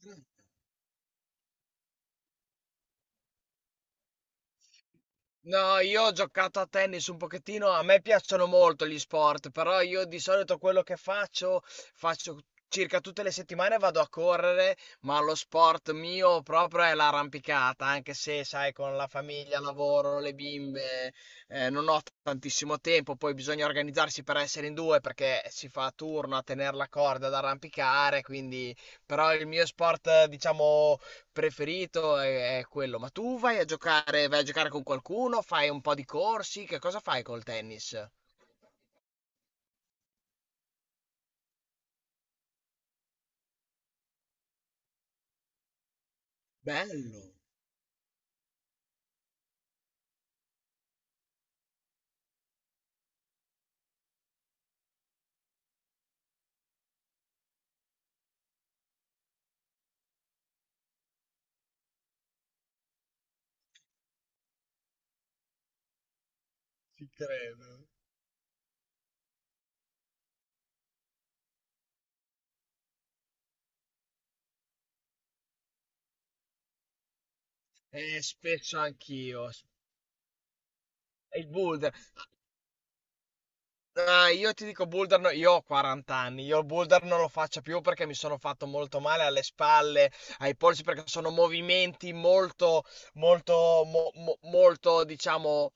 Gran No, io ho giocato a tennis un pochettino, a me piacciono molto gli sport, però io di solito quello che faccio, faccio circa tutte le settimane vado a correre, ma lo sport mio proprio è l'arrampicata, anche se sai, con la famiglia, lavoro, le bimbe, non ho tantissimo tempo. Poi bisogna organizzarsi per essere in due perché si fa a turno a tenere la corda ad arrampicare, quindi però il mio sport, diciamo, preferito è quello. Ma tu vai a giocare con qualcuno, fai un po' di corsi, che cosa fai col tennis? Bello. Ci credo. Spesso anch'io. E il boulder. Ah, io ti dico boulder, io ho 40 anni, io il boulder non lo faccio più perché mi sono fatto molto male alle spalle, ai polsi, perché sono movimenti molto, molto, molto, diciamo,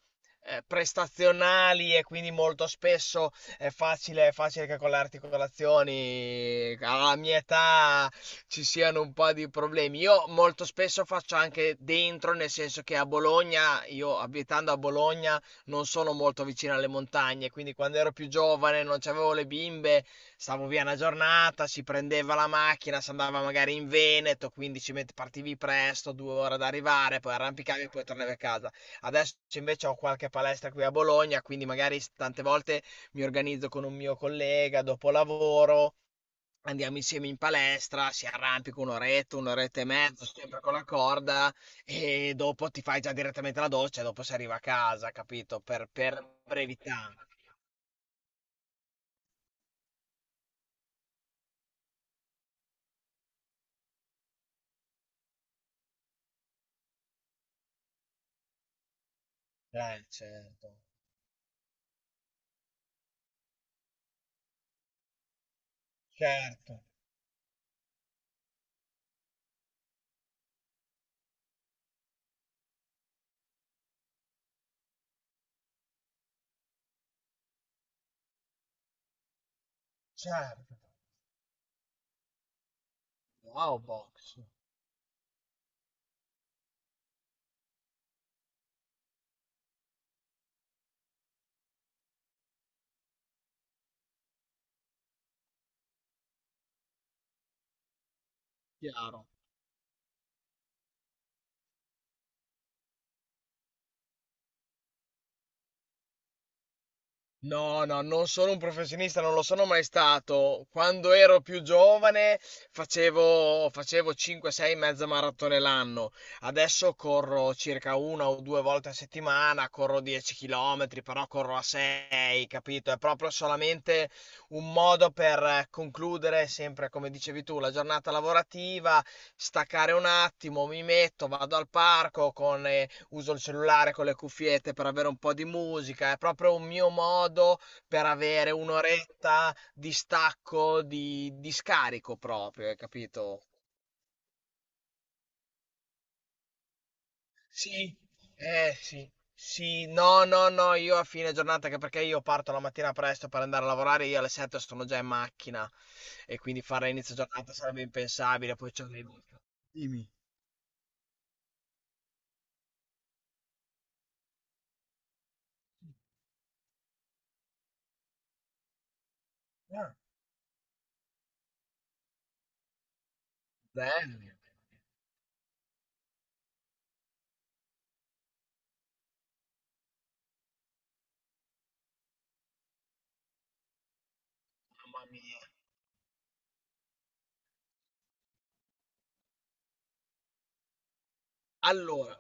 prestazionali, e quindi molto spesso è facile che con le articolazioni alla mia età ci siano un po' di problemi. Io molto spesso faccio anche dentro, nel senso che a Bologna, io abitando a Bologna, non sono molto vicino alle montagne, quindi quando ero più giovane non c'avevo le bimbe, stavo via una giornata, si prendeva la macchina, si andava magari in Veneto, quindi partivi presto, 2 ore ad arrivare, poi arrampicavi e poi tornavi a casa. Adesso invece ho qualche palestra qui a Bologna, quindi magari tante volte mi organizzo con un mio collega dopo lavoro. Andiamo insieme in palestra, si arrampica un'oretta, un'oretta e mezza, sempre con la corda, e dopo ti fai già direttamente la doccia, e dopo si arriva a casa, capito? Per brevità. Certo, certo, certo. Wow, box, chiaro. No, no, non sono un professionista, non lo sono mai stato. Quando ero più giovane facevo 5-6 mezze maratone l'anno. Adesso corro circa una o due volte a settimana, corro 10 km, però corro a 6, capito? È proprio solamente un modo per concludere sempre, come dicevi tu, la giornata lavorativa, staccare un attimo, mi metto, vado al parco con uso il cellulare con le cuffiette per avere un po' di musica, è proprio un mio modo per avere un'oretta di stacco, di scarico proprio, hai capito? Sì, eh sì, sì, no, no, no, io a fine giornata, anche perché io parto la mattina presto per andare a lavorare, io alle 7 sono già in macchina e quindi fare inizio giornata sarebbe impensabile, poi c'ho dei. Dimmi. Ah, bello, mamma mia. Allora,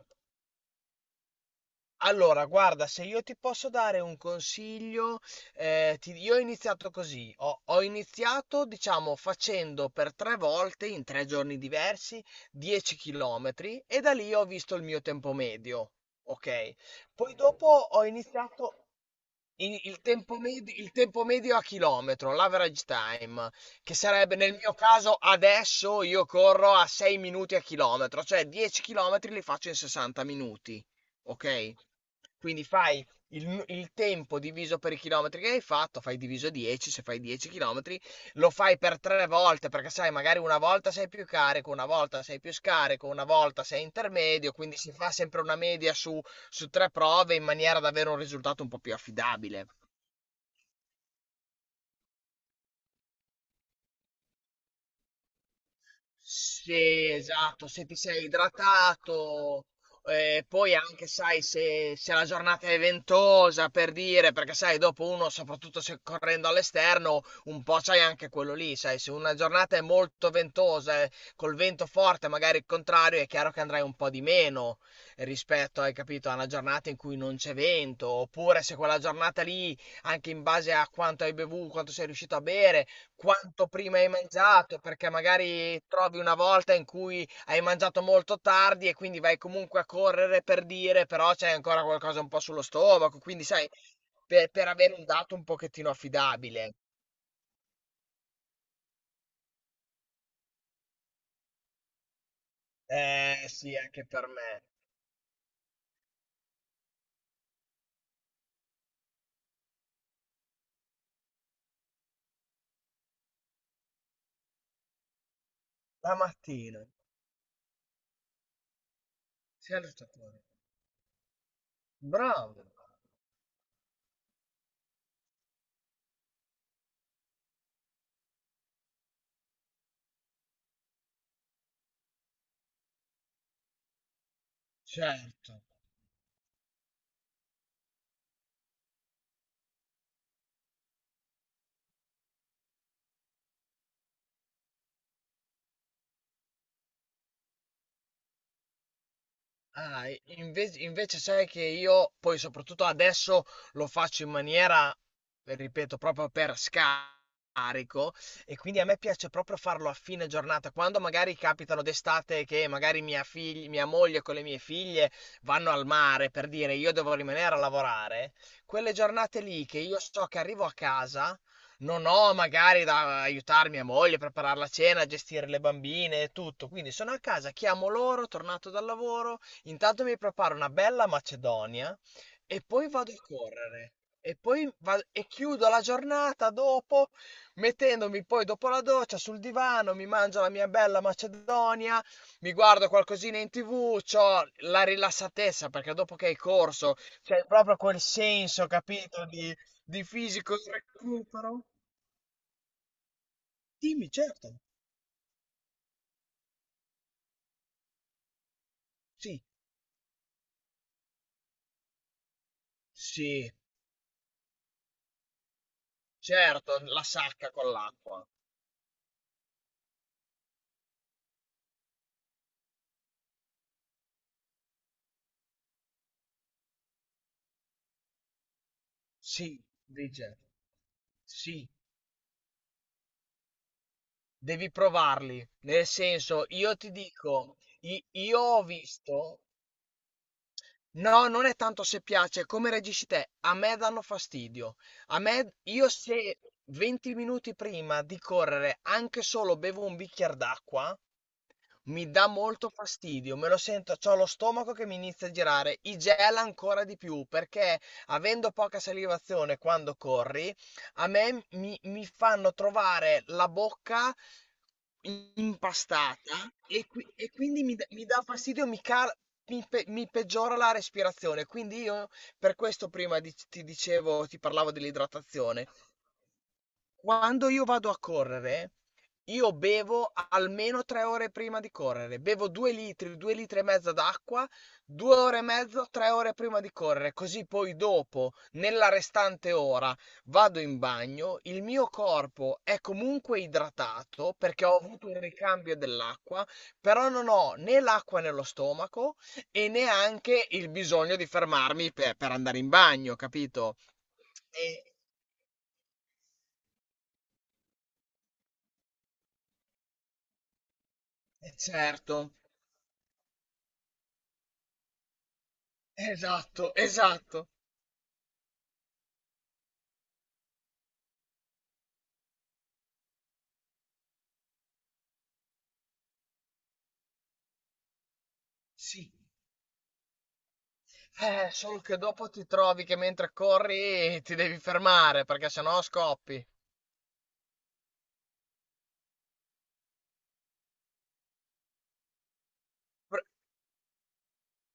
Allora, guarda, se io ti posso dare un consiglio, io ho iniziato così, ho iniziato, diciamo, facendo per tre volte, in 3 giorni diversi, 10 chilometri, e da lì ho visto il mio tempo medio, ok? Poi dopo ho iniziato, il tempo medio a chilometro, l'average time, che sarebbe nel mio caso adesso io corro a 6 minuti a chilometro, cioè 10 chilometri li faccio in 60 minuti, ok? Quindi fai il tempo diviso per i chilometri che hai fatto, fai diviso 10, se fai 10 chilometri, lo fai per tre volte, perché sai, magari una volta sei più carico, una volta sei più scarico, una volta sei intermedio, quindi si fa sempre una media su tre prove in maniera da avere un risultato un po' più affidabile. Sì, esatto, se ti sei idratato, poi anche sai se la giornata è ventosa per dire, perché sai, dopo uno, soprattutto se correndo all'esterno, un po' c'hai anche quello lì, sai, se una giornata è molto ventosa, col vento forte, magari il contrario, è chiaro che andrai un po' di meno rispetto, hai capito, a una giornata in cui non c'è vento, oppure se quella giornata lì, anche in base a quanto hai bevuto, quanto sei riuscito a bere, quanto prima hai mangiato, perché magari trovi una volta in cui hai mangiato molto tardi e quindi vai comunque a correre per dire, però c'è ancora qualcosa un po' sullo stomaco, quindi sai, per avere un dato un pochettino affidabile. Eh sì, anche per me. La mattina. Sì, allenatore. Bravo. Certo. Ah, e invece sai che io poi soprattutto adesso lo faccio in maniera, ripeto, proprio per scarico, e quindi a me piace proprio farlo a fine giornata, quando magari capitano d'estate che magari mia moglie con le mie figlie vanno al mare per dire io devo rimanere a lavorare, quelle giornate lì che io so che arrivo a casa, non ho magari da aiutare mia moglie, a preparare la cena, a gestire le bambine e tutto, quindi sono a casa, chiamo loro, tornato dal lavoro, intanto mi preparo una bella macedonia e poi vado a correre. E poi chiudo la giornata dopo, mettendomi poi dopo la doccia sul divano, mi mangio la mia bella macedonia, mi guardo qualcosina in TV, c'ho la rilassatezza perché dopo che hai corso c'è proprio quel senso, capito, di fisico recupero. Dimmi, certo. Sì, sì, certo, la sacca con l'acqua. Sì, dice. Sì. Devi provarli. Nel senso, io ti dico, io ho visto. No, non è tanto se piace, è come reagisci te. A me danno fastidio. A me, io se 20 minuti prima di correre anche solo bevo un bicchiere d'acqua, mi dà molto fastidio, me lo sento, c'ho lo stomaco che mi inizia a girare, i gel ancora di più, perché avendo poca salivazione quando corri, a me mi, mi fanno trovare la bocca impastata, e e quindi mi dà fastidio, mi, cal- mi pe- mi peggiora la respirazione. Quindi io per questo prima di- ti dicevo, ti parlavo dell'idratazione. Quando io vado a correre, io bevo almeno 3 ore prima di correre. Bevo 2 litri, 2 litri e mezzo d'acqua, 2 ore e mezzo, 3 ore prima di correre. Così poi dopo, nella restante ora, vado in bagno. Il mio corpo è comunque idratato perché ho avuto un ricambio dell'acqua, però non ho né l'acqua nello stomaco e neanche il bisogno di fermarmi per andare in bagno, capito? E e certo. Esatto, esatto. Sì. Solo che dopo ti trovi che mentre corri ti devi fermare perché sennò scoppi. Pr-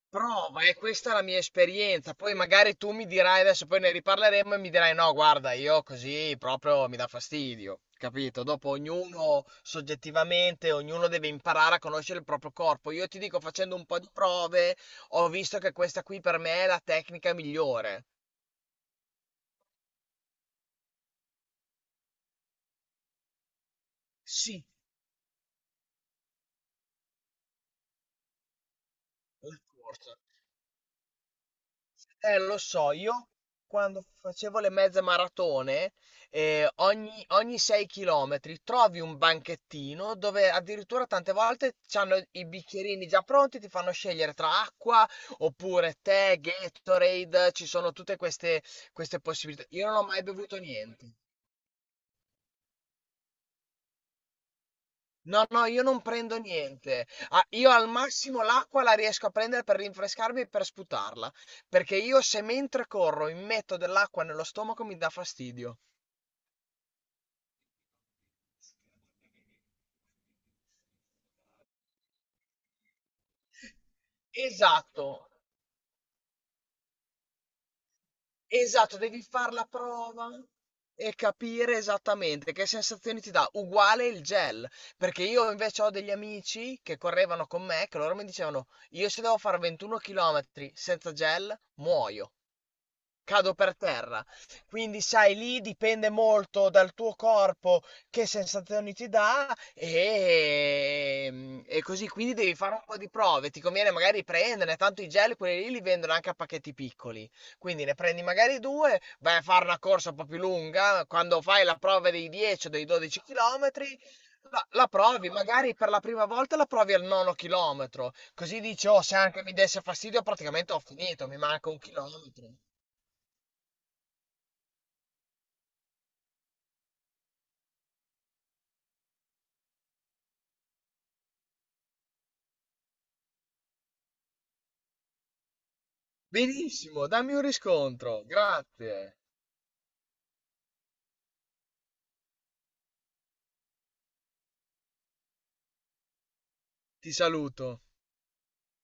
prova, e questa è la mia esperienza. Poi magari tu mi dirai adesso, poi ne riparleremo e mi dirai no, guarda, io così proprio mi dà fastidio. Capito? Dopo ognuno soggettivamente, ognuno deve imparare a conoscere il proprio corpo. Io ti dico, facendo un po' di prove, ho visto che questa qui per me è la tecnica migliore. Sì. La corsa. Lo so, io quando facevo le mezze maratone, ogni 6 km trovi un banchettino dove addirittura tante volte c'hanno i bicchierini già pronti, ti fanno scegliere tra acqua oppure tè, Gatorade, ci sono tutte queste, possibilità. Io non ho mai bevuto niente. No, no, io non prendo niente. Ah, io al massimo l'acqua la riesco a prendere per rinfrescarmi e per sputarla. Perché io se mentre corro mi metto dell'acqua nello stomaco mi dà fastidio. Esatto. Esatto, devi far la prova e capire esattamente che sensazioni ti dà. Uguale il gel, perché io invece ho degli amici che correvano con me, che loro mi dicevano, io se devo fare 21 km senza gel, muoio, cado per terra. Quindi, sai, lì dipende molto dal tuo corpo che sensazioni ti dà e, e così. Quindi devi fare un po' di prove. Ti conviene magari prenderne, tanto i gel, quelli lì li vendono anche a pacchetti piccoli. Quindi ne prendi magari due, vai a fare una corsa un po' più lunga. Quando fai la prova dei 10 o dei 12 chilometri, la provi, magari per la prima volta la provi al nono chilometro. Così dici, oh, se anche mi desse fastidio, praticamente ho finito, mi manca un chilometro. Benissimo, dammi un riscontro, grazie, ti saluto.